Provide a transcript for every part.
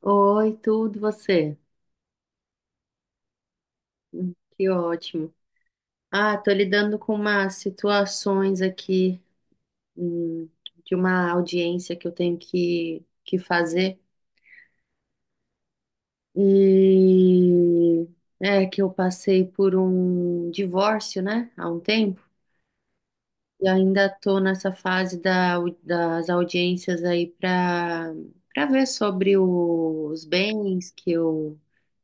Oi, tudo você? Que ótimo. Ah, tô lidando com umas situações aqui, hum, de uma audiência que eu tenho que fazer. E é que eu passei por um divórcio, né, há um tempo. E ainda tô nessa fase das audiências aí para ver sobre os bens que eu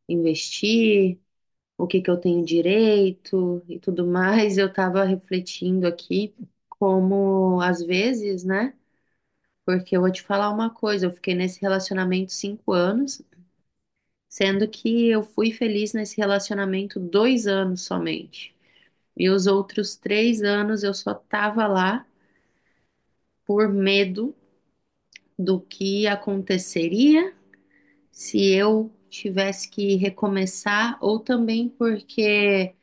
investi, o que que eu tenho direito e tudo mais. Eu estava refletindo aqui como às vezes, né? Porque eu vou te falar uma coisa, eu fiquei nesse relacionamento 5 anos, sendo que eu fui feliz nesse relacionamento 2 anos somente. E os outros 3 anos eu só tava lá por medo do que aconteceria se eu tivesse que recomeçar, ou também porque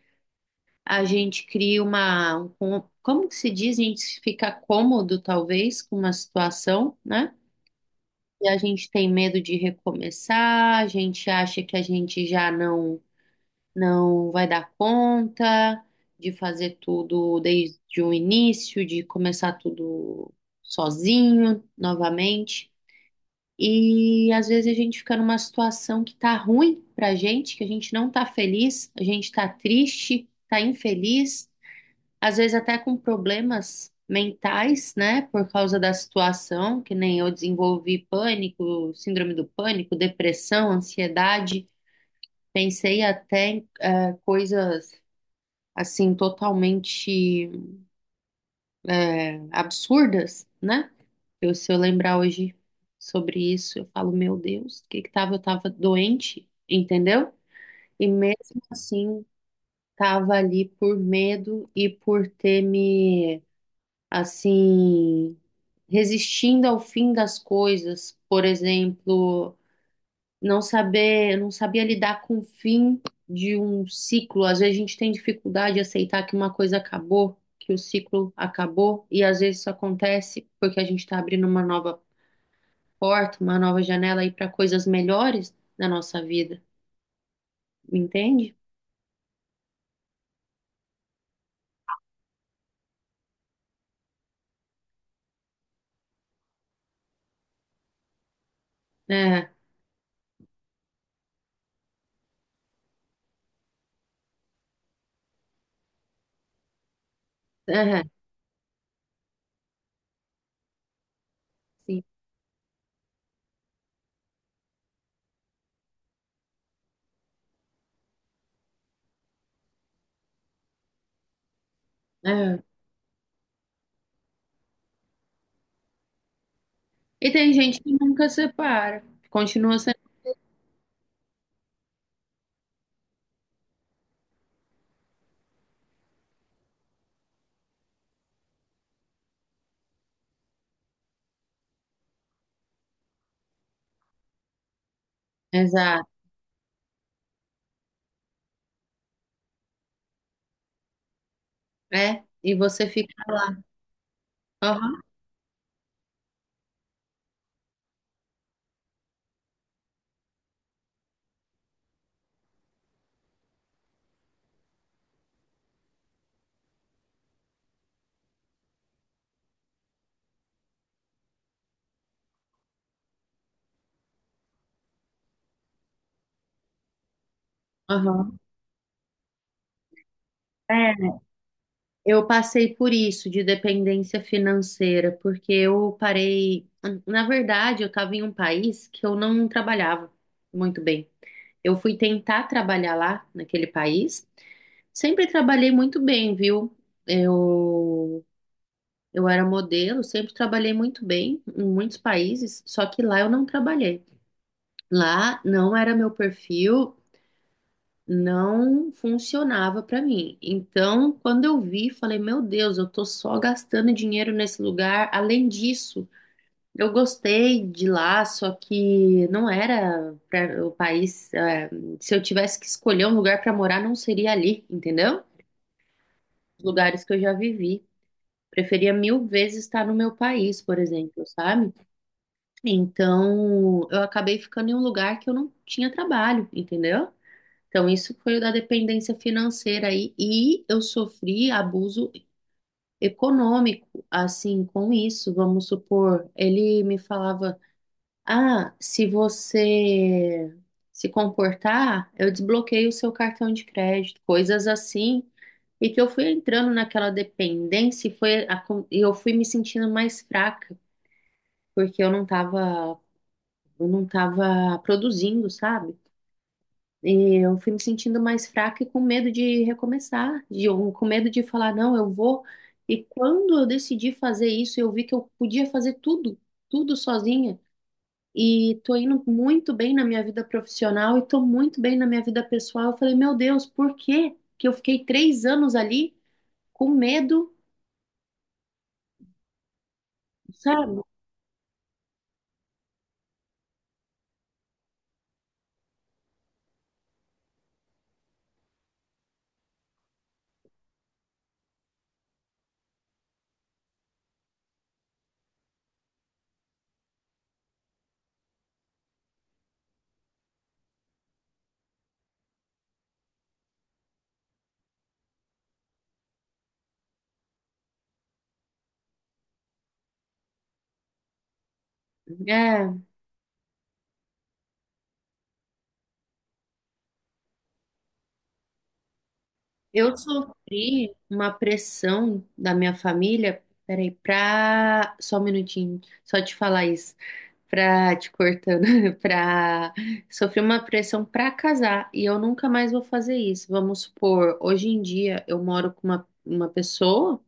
a gente cria como que se diz? A gente fica cômodo, talvez, com uma situação, né? E a gente tem medo de recomeçar, a gente acha que a gente já não vai dar conta de fazer tudo desde o início, de começar tudo sozinho novamente. E às vezes a gente fica numa situação que tá ruim pra gente, que a gente não tá feliz, a gente tá triste, tá infeliz, às vezes até com problemas mentais, né, por causa da situação, que nem eu desenvolvi pânico, síndrome do pânico, depressão, ansiedade. Pensei até em coisas assim totalmente absurdas, né? Eu, se eu lembrar hoje sobre isso, eu falo, meu Deus, o que que tava? Eu tava doente, entendeu? E mesmo assim, tava ali por medo e por ter me, assim, resistindo ao fim das coisas, por exemplo, não sabia lidar com o fim de um ciclo. Às vezes a gente tem dificuldade de aceitar que uma coisa acabou, que o ciclo acabou, e às vezes isso acontece porque a gente está abrindo uma nova porta, uma nova janela aí para coisas melhores na nossa vida, entende? É, é, sim, é. E tem gente que nunca separa, continua sendo. Exato, é, e você fica lá. Aham, aham. É, eu passei por isso de dependência financeira, porque eu parei. Na verdade, eu estava em um país que eu não trabalhava muito bem. Eu fui tentar trabalhar lá, naquele país. Sempre trabalhei muito bem, viu? Eu, eu era modelo, sempre trabalhei muito bem em muitos países, só que lá eu não trabalhei. Lá não era meu perfil, não funcionava para mim. Então, quando eu vi, falei, meu Deus, eu tô só gastando dinheiro nesse lugar. Além disso, eu gostei de lá, só que não era para o país. Se eu tivesse que escolher um lugar para morar, não seria ali, entendeu? Os lugares que eu já vivi, preferia mil vezes estar no meu país, por exemplo, sabe? Então, eu acabei ficando em um lugar que eu não tinha trabalho, entendeu? Então, isso foi o da dependência financeira aí, e eu sofri abuso econômico, assim, com isso. Vamos supor, ele me falava: ah, se você se comportar, eu desbloqueio o seu cartão de crédito, coisas assim. E que eu fui entrando naquela dependência e eu fui me sentindo mais fraca, porque eu não estava produzindo, sabe? Eu fui me sentindo mais fraca e com medo de recomeçar, ou com medo de falar, não, eu vou. E quando eu decidi fazer isso, eu vi que eu podia fazer tudo, tudo sozinha. E tô indo muito bem na minha vida profissional e tô muito bem na minha vida pessoal. Eu falei, meu Deus, por que que eu fiquei 3 anos ali com medo, sabe? É, eu sofri uma pressão da minha família. Peraí, pra. Só um minutinho, só te falar isso. Pra te cortando, pra sofrer uma pressão pra casar, e eu nunca mais vou fazer isso. Vamos supor, hoje em dia eu moro com uma pessoa,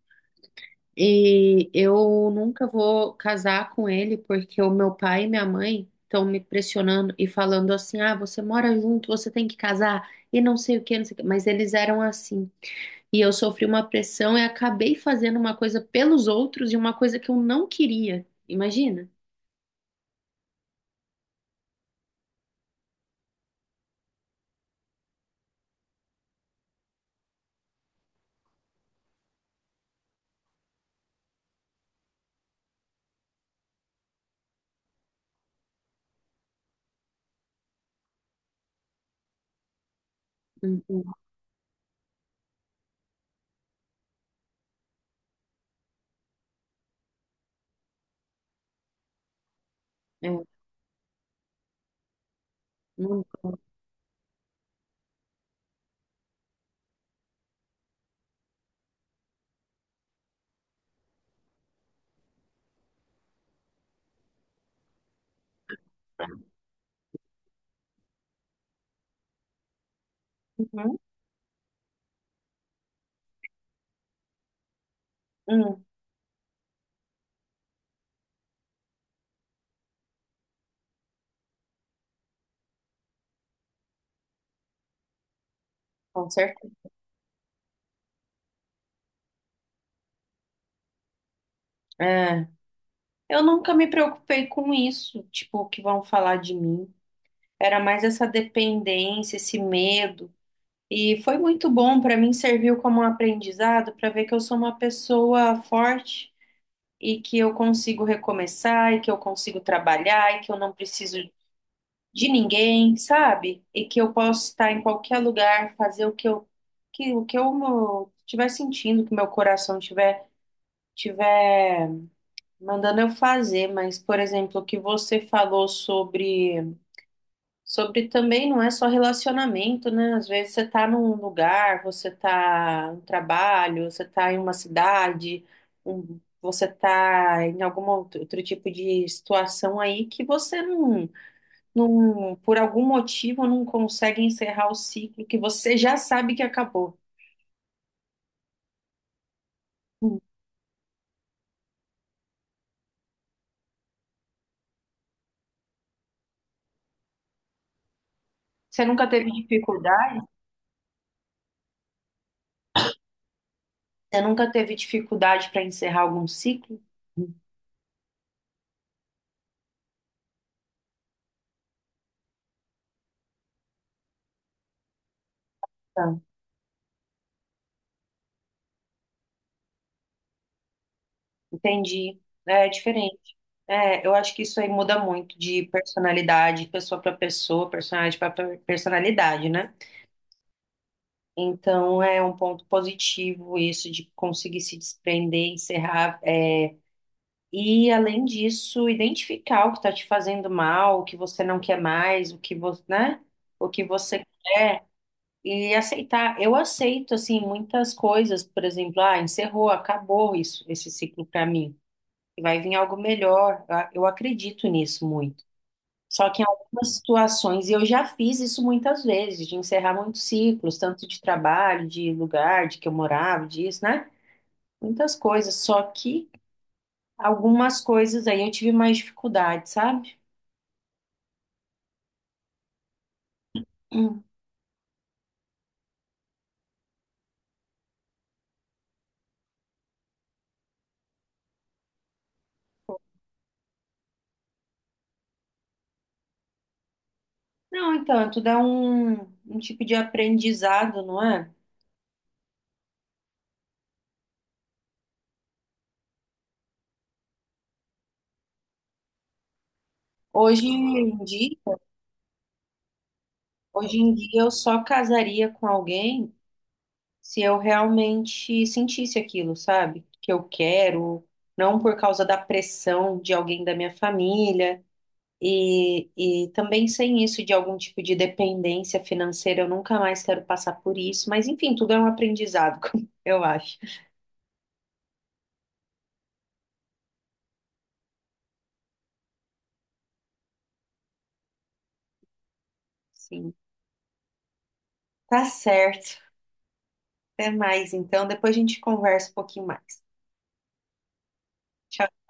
e eu nunca vou casar com ele porque o meu pai e minha mãe estão me pressionando e falando assim: ah, você mora junto, você tem que casar e não sei o que, não sei o que. Mas eles eram assim, e eu sofri uma pressão e acabei fazendo uma coisa pelos outros e uma coisa que eu não queria. Imagina? Uhum. É, não. Uhum, hum, com certeza. É. Eu nunca me preocupei com isso, tipo, o que vão falar de mim. Era mais essa dependência, esse medo. E para um aprendizado, para ver que eu sou uma boa forte e que eu consigo trabalhar e que eu não preciso de ninguém, sabe? E que eu posso estar em qualquer lugar, fazer o que eu estiver sentindo, que meu coração tiver mandando eu fazer. Mas, por exemplo, o que você falou sobre também não é só relacionamento, né? Às vezes você tá num lugar, você tá no trabalho, você tá em uma cidade, você tá em algum outro tipo de situação aí que você não, por algum motivo, não consegue encerrar o ciclo que você já sabe que acabou. Hum. Você nunca teve dificuldade? Você nunca teve dificuldade para encerrar algum ciclo? Então, entendi. É diferente. É, eu acho que isso aí muda muito de personalidade, pessoa para pessoa, personalidade para personalidade, né? Então é um ponto positivo isso de conseguir se desprender, encerrar, é, e além disso, identificar o que está te fazendo mal, o que você não quer mais, o que você, né? O que você quer, e aceitar. Eu aceito assim muitas coisas, por exemplo, ah, encerrou, acabou isso, esse ciclo para mim. Vai vir algo melhor. Eu acredito nisso muito. Só que em algumas situações, e eu já fiz isso muitas vezes, de encerrar muitos ciclos, tanto de trabalho, de lugar, de que eu morava, disso, né? Muitas coisas. Só que algumas coisas aí eu tive mais dificuldade, sabe? Hum. Não, então, tudo é um tipo de aprendizado, não é? Hoje em dia, hoje em dia eu só casaria com alguém se eu realmente sentisse aquilo, sabe? Que eu quero, não por causa da pressão de alguém da minha família, e também sem isso de algum tipo de dependência financeira. Eu nunca mais quero passar por isso, mas enfim, tudo é um aprendizado, eu acho. Sim, tá certo. Até mais, então, depois a gente conversa um pouquinho mais. Tchau.